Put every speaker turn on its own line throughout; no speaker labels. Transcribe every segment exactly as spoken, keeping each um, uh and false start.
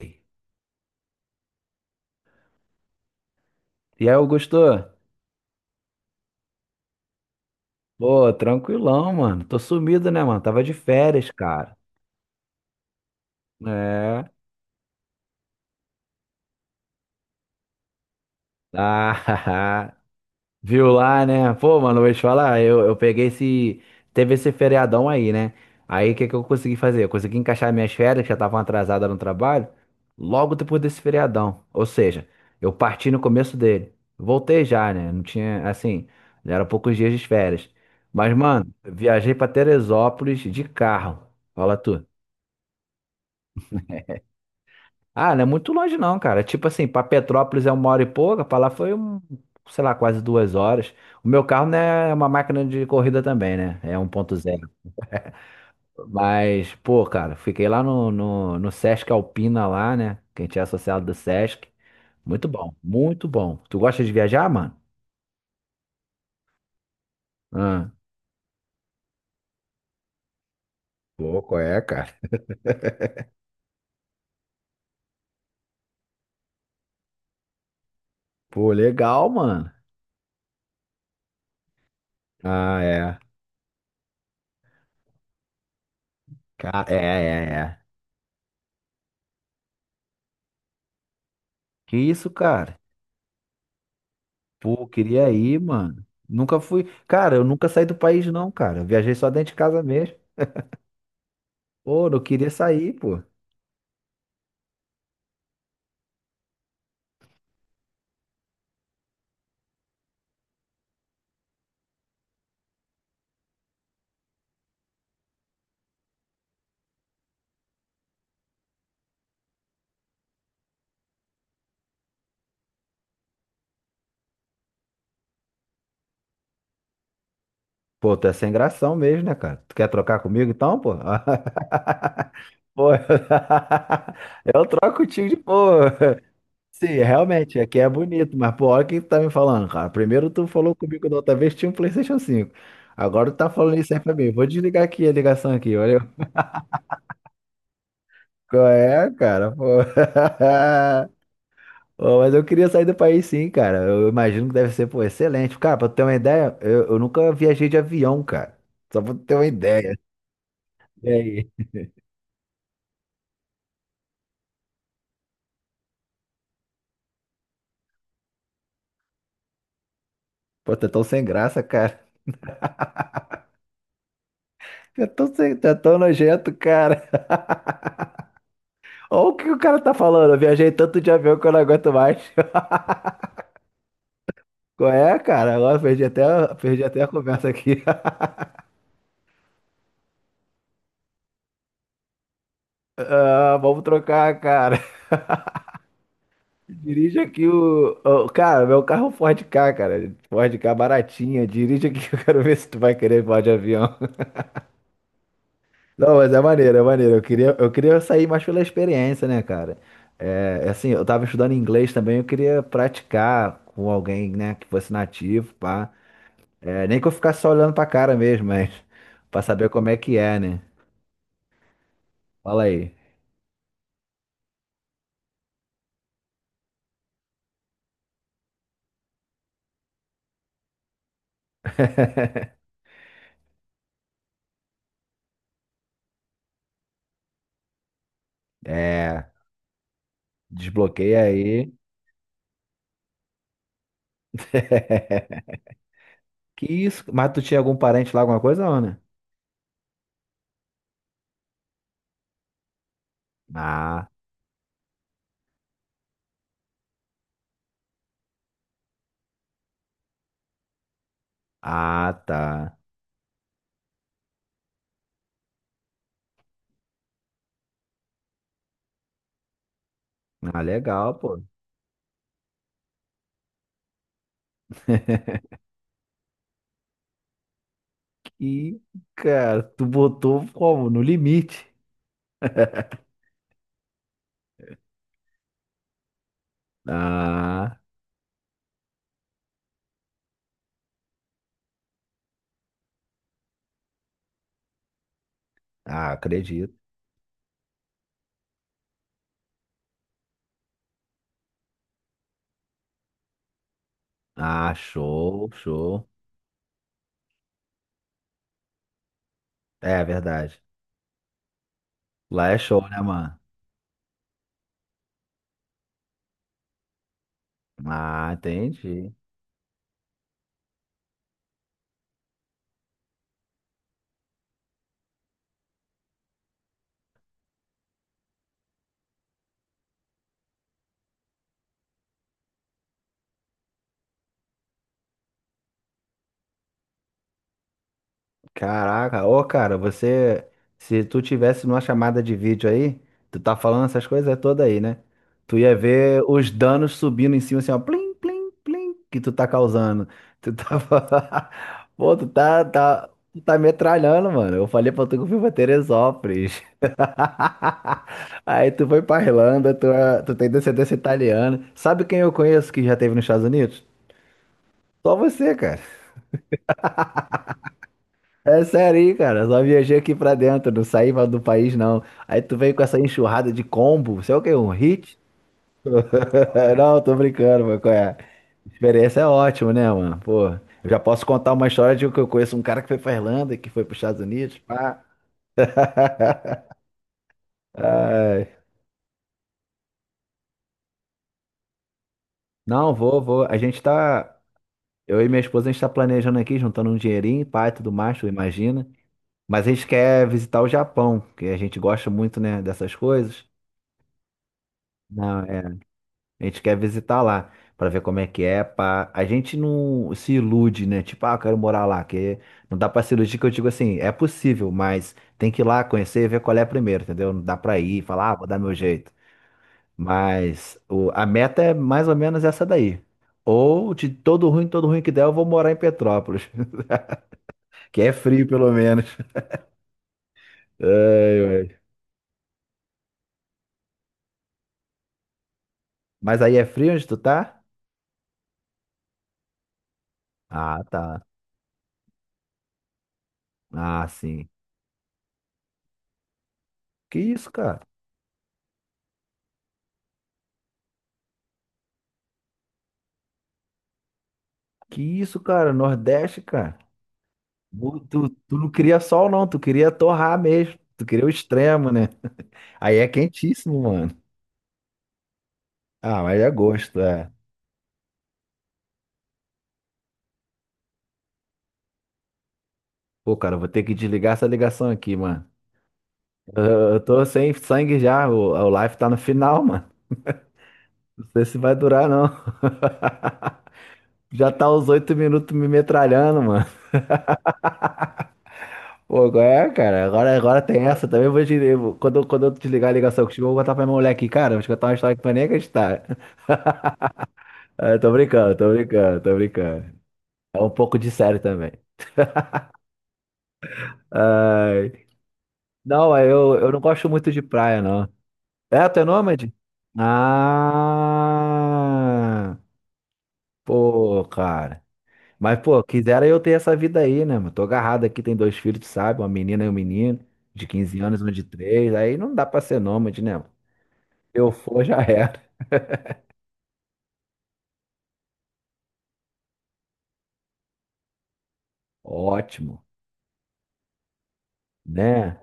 E aí, Augusto? Pô, tranquilão, mano. Tô sumido, né, mano? Tava de férias, cara. É. Ah, viu lá, né? Pô, mano, vou te falar, eu, eu peguei esse. Teve esse feriadão aí, né? Aí o que que eu consegui fazer? Eu consegui encaixar minhas férias, que já estavam atrasadas no trabalho, logo depois desse feriadão. Ou seja, eu parti no começo dele. Voltei já, né? Não tinha, assim, já eram poucos dias de férias. Mas, mano, viajei pra Teresópolis de carro. Fala tu. Ah, não é muito longe não, cara. É tipo assim, pra Petrópolis é uma hora e pouca, pra lá foi um, sei lá, quase duas horas. O meu carro não é uma máquina de corrida também, né? É um ponto zero. Mas, pô, cara, fiquei lá no, no, no Sesc Alpina lá, né? Que a gente é associado do Sesc. Muito bom, muito bom. Tu gosta de viajar, mano? Ah, pô, qual é, cara? Pô, legal, mano. Ah, é. Cara, é, é, é. Que isso, cara? Pô, queria ir, mano. Nunca fui. Cara, eu nunca saí do país, não, cara. Eu viajei só dentro de casa mesmo. Pô, não queria sair, pô. Pô, tu é sem gração mesmo, né, cara? Tu quer trocar comigo então, pô? Pô, eu troco contigo de pô. Sim, realmente, aqui é bonito, mas pô, olha o que tu tá me falando, cara. Primeiro tu falou comigo da outra vez que tinha um PlayStation cinco. Agora tu tá falando isso aí pra mim. Vou desligar aqui a ligação aqui, olha. Qual é, cara? Pô. Ô, mas eu queria sair do país sim, cara. Eu imagino que deve ser, pô, excelente. Cara, pra tu ter uma ideia, eu, eu nunca viajei de avião, cara. Só pra tu ter uma ideia. E aí? Pô, tá tão sem graça, cara. Tá tão, sem, tá tão nojento, cara. Olha o que o cara tá falando. Eu viajei tanto de avião que eu não aguento mais. Qual é, cara? Agora eu perdi até, a- perdi até a conversa aqui. Ah, vamos trocar, cara. Dirige aqui o, o- Cara, meu carro é um Ford Ka, cara. Ford Ka baratinha. Dirige aqui que eu quero ver se tu vai querer voar de avião. Não, mas é maneiro, é maneiro. Eu queria, eu queria sair mais pela experiência, né, cara? É, é assim, eu tava estudando inglês também, eu queria praticar com alguém, né, que fosse nativo, pá. É, nem que eu ficasse só olhando pra cara mesmo, mas pra saber como é que é, né? Fala aí. É, desbloqueia aí. Que isso? Mas tu tinha algum parente lá, alguma coisa, ou não? Ah, ah, tá. Ah, legal, pô. Que, cara, tu botou como? No limite. Ah. Ah, acredito. Ah, show, show. É verdade. Lá é show, né, mano? Ah, entendi. Caraca, ô, cara, você. Se tu tivesse numa chamada de vídeo aí, tu tá falando essas coisas todas aí, né? Tu ia ver os danos subindo em cima, assim, ó, plim, plim, plim, que tu tá causando. Tu tava. Pô, tu tá, tá, tu tá metralhando, mano. Eu falei pra tu que eu fui pra Teresópolis. Aí tu foi pra Irlanda, tu, é- tu tem descendência italiana. Sabe quem eu conheço que já teve nos Estados Unidos? Só você, cara. É sério aí, cara. Só viajei aqui pra dentro, não saí pra- do país, não. Aí tu veio com essa enxurrada de combo. Você é o quê? Um hit? Não, tô brincando, mano. Qual é? Experiência é ótima, né, mano? Pô, eu já posso contar uma história de que eu conheço um cara que foi pra Irlanda, que foi pros Estados Unidos. Pá. Ai. Não, vou, vou. A gente tá. Eu e minha esposa, a gente está planejando aqui, juntando um dinheirinho, pai, tudo mais, tu imagina. Mas a gente quer visitar o Japão, que a gente gosta muito, né, dessas coisas. Não, é, a gente quer visitar lá, para ver como é que é, pá. A gente não se ilude, né? Tipo, ah, eu quero morar lá, que não dá para se iludir, que eu digo assim, é possível, mas tem que ir lá conhecer e ver qual é primeiro, entendeu? Não dá para ir e falar, ah, vou dar meu jeito. Mas o- a meta é mais ou menos essa daí. Ou de todo ruim, todo ruim que der, eu vou morar em Petrópolis. Que é frio, pelo menos. Ai, ai. Mas aí é frio onde tu tá? Ah, tá. Ah, sim. Que isso, cara? Que isso, cara? Nordeste, cara. Tu, tu, tu não queria sol, não. Tu queria torrar mesmo. Tu queria o extremo, né? Aí é quentíssimo, mano. Ah, mas é gosto, é. Pô, cara, eu vou ter que desligar essa ligação aqui, mano. Eu eu tô sem sangue já. O, o live tá no final, mano. Não sei se vai durar, não. Já tá os oito minutos me metralhando, mano. Pô, agora é, cara, agora, agora tem essa também. Eu Vou te, eu- quando, eu- quando eu desligar a ligação contigo, eu vou contar pra minha mulher aqui, cara. Vou te contar uma história que tu vai nem acreditar. Ah, tô brincando, tô brincando, tô brincando. É um pouco de sério também. Ai, não, eu, eu não gosto muito de praia, não. É, tu é nômade? Ah, pô, cara. Mas, pô, quisera eu ter essa vida aí, né, mano? Tô agarrado aqui, tem dois filhos, tu sabe? Uma menina e um menino, de quinze anos, um de três. Aí não dá pra ser nômade, né? mano? Se Eu for, já era. Ótimo, né?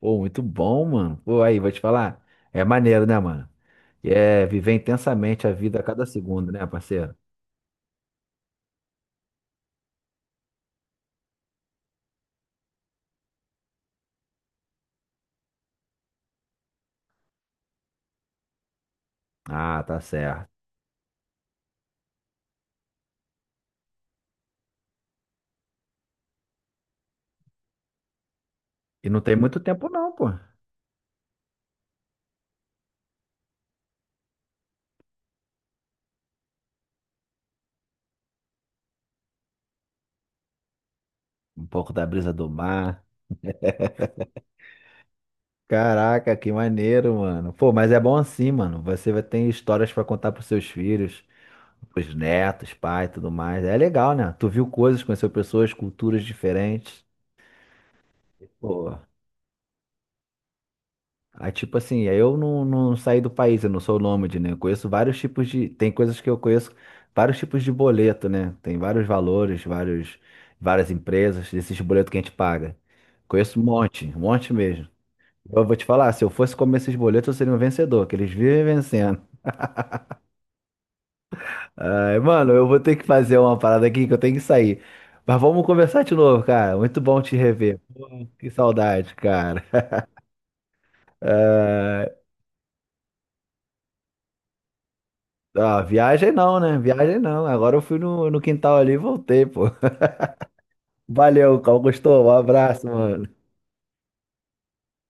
Pô, muito bom, mano. Pô, aí, vou te falar. É maneiro, né, mano? E É viver intensamente a vida a cada segundo, né, parceiro? Ah, tá certo. E não tem muito tempo, não, pô. Um pouco da brisa do mar. Caraca, que maneiro, mano. Pô, mas é bom assim, mano. Você vai ter histórias pra contar pros seus filhos, pros netos, pai e tudo mais. É legal, né? Tu viu coisas, conheceu pessoas, culturas diferentes. Pô. Aí, tipo assim, eu não, não saí do país, eu não sou nômade, né? Eu conheço vários tipos de. Tem coisas que eu conheço, vários tipos de boleto, né? Tem vários valores, vários, várias empresas, desses boletos que a gente paga. Conheço um monte, um monte mesmo. Eu vou te falar, se eu fosse comer esses boletos, eu seria um vencedor, que eles vivem vencendo. Ai, mano, eu vou ter que fazer uma parada aqui que eu tenho que sair. Mas vamos conversar de novo, cara. Muito bom te rever. Que saudade, cara. Ah, viagem não, né? Viagem não. Agora eu fui no, no quintal ali e voltei, pô. Valeu, Augusto. Um abraço, mano.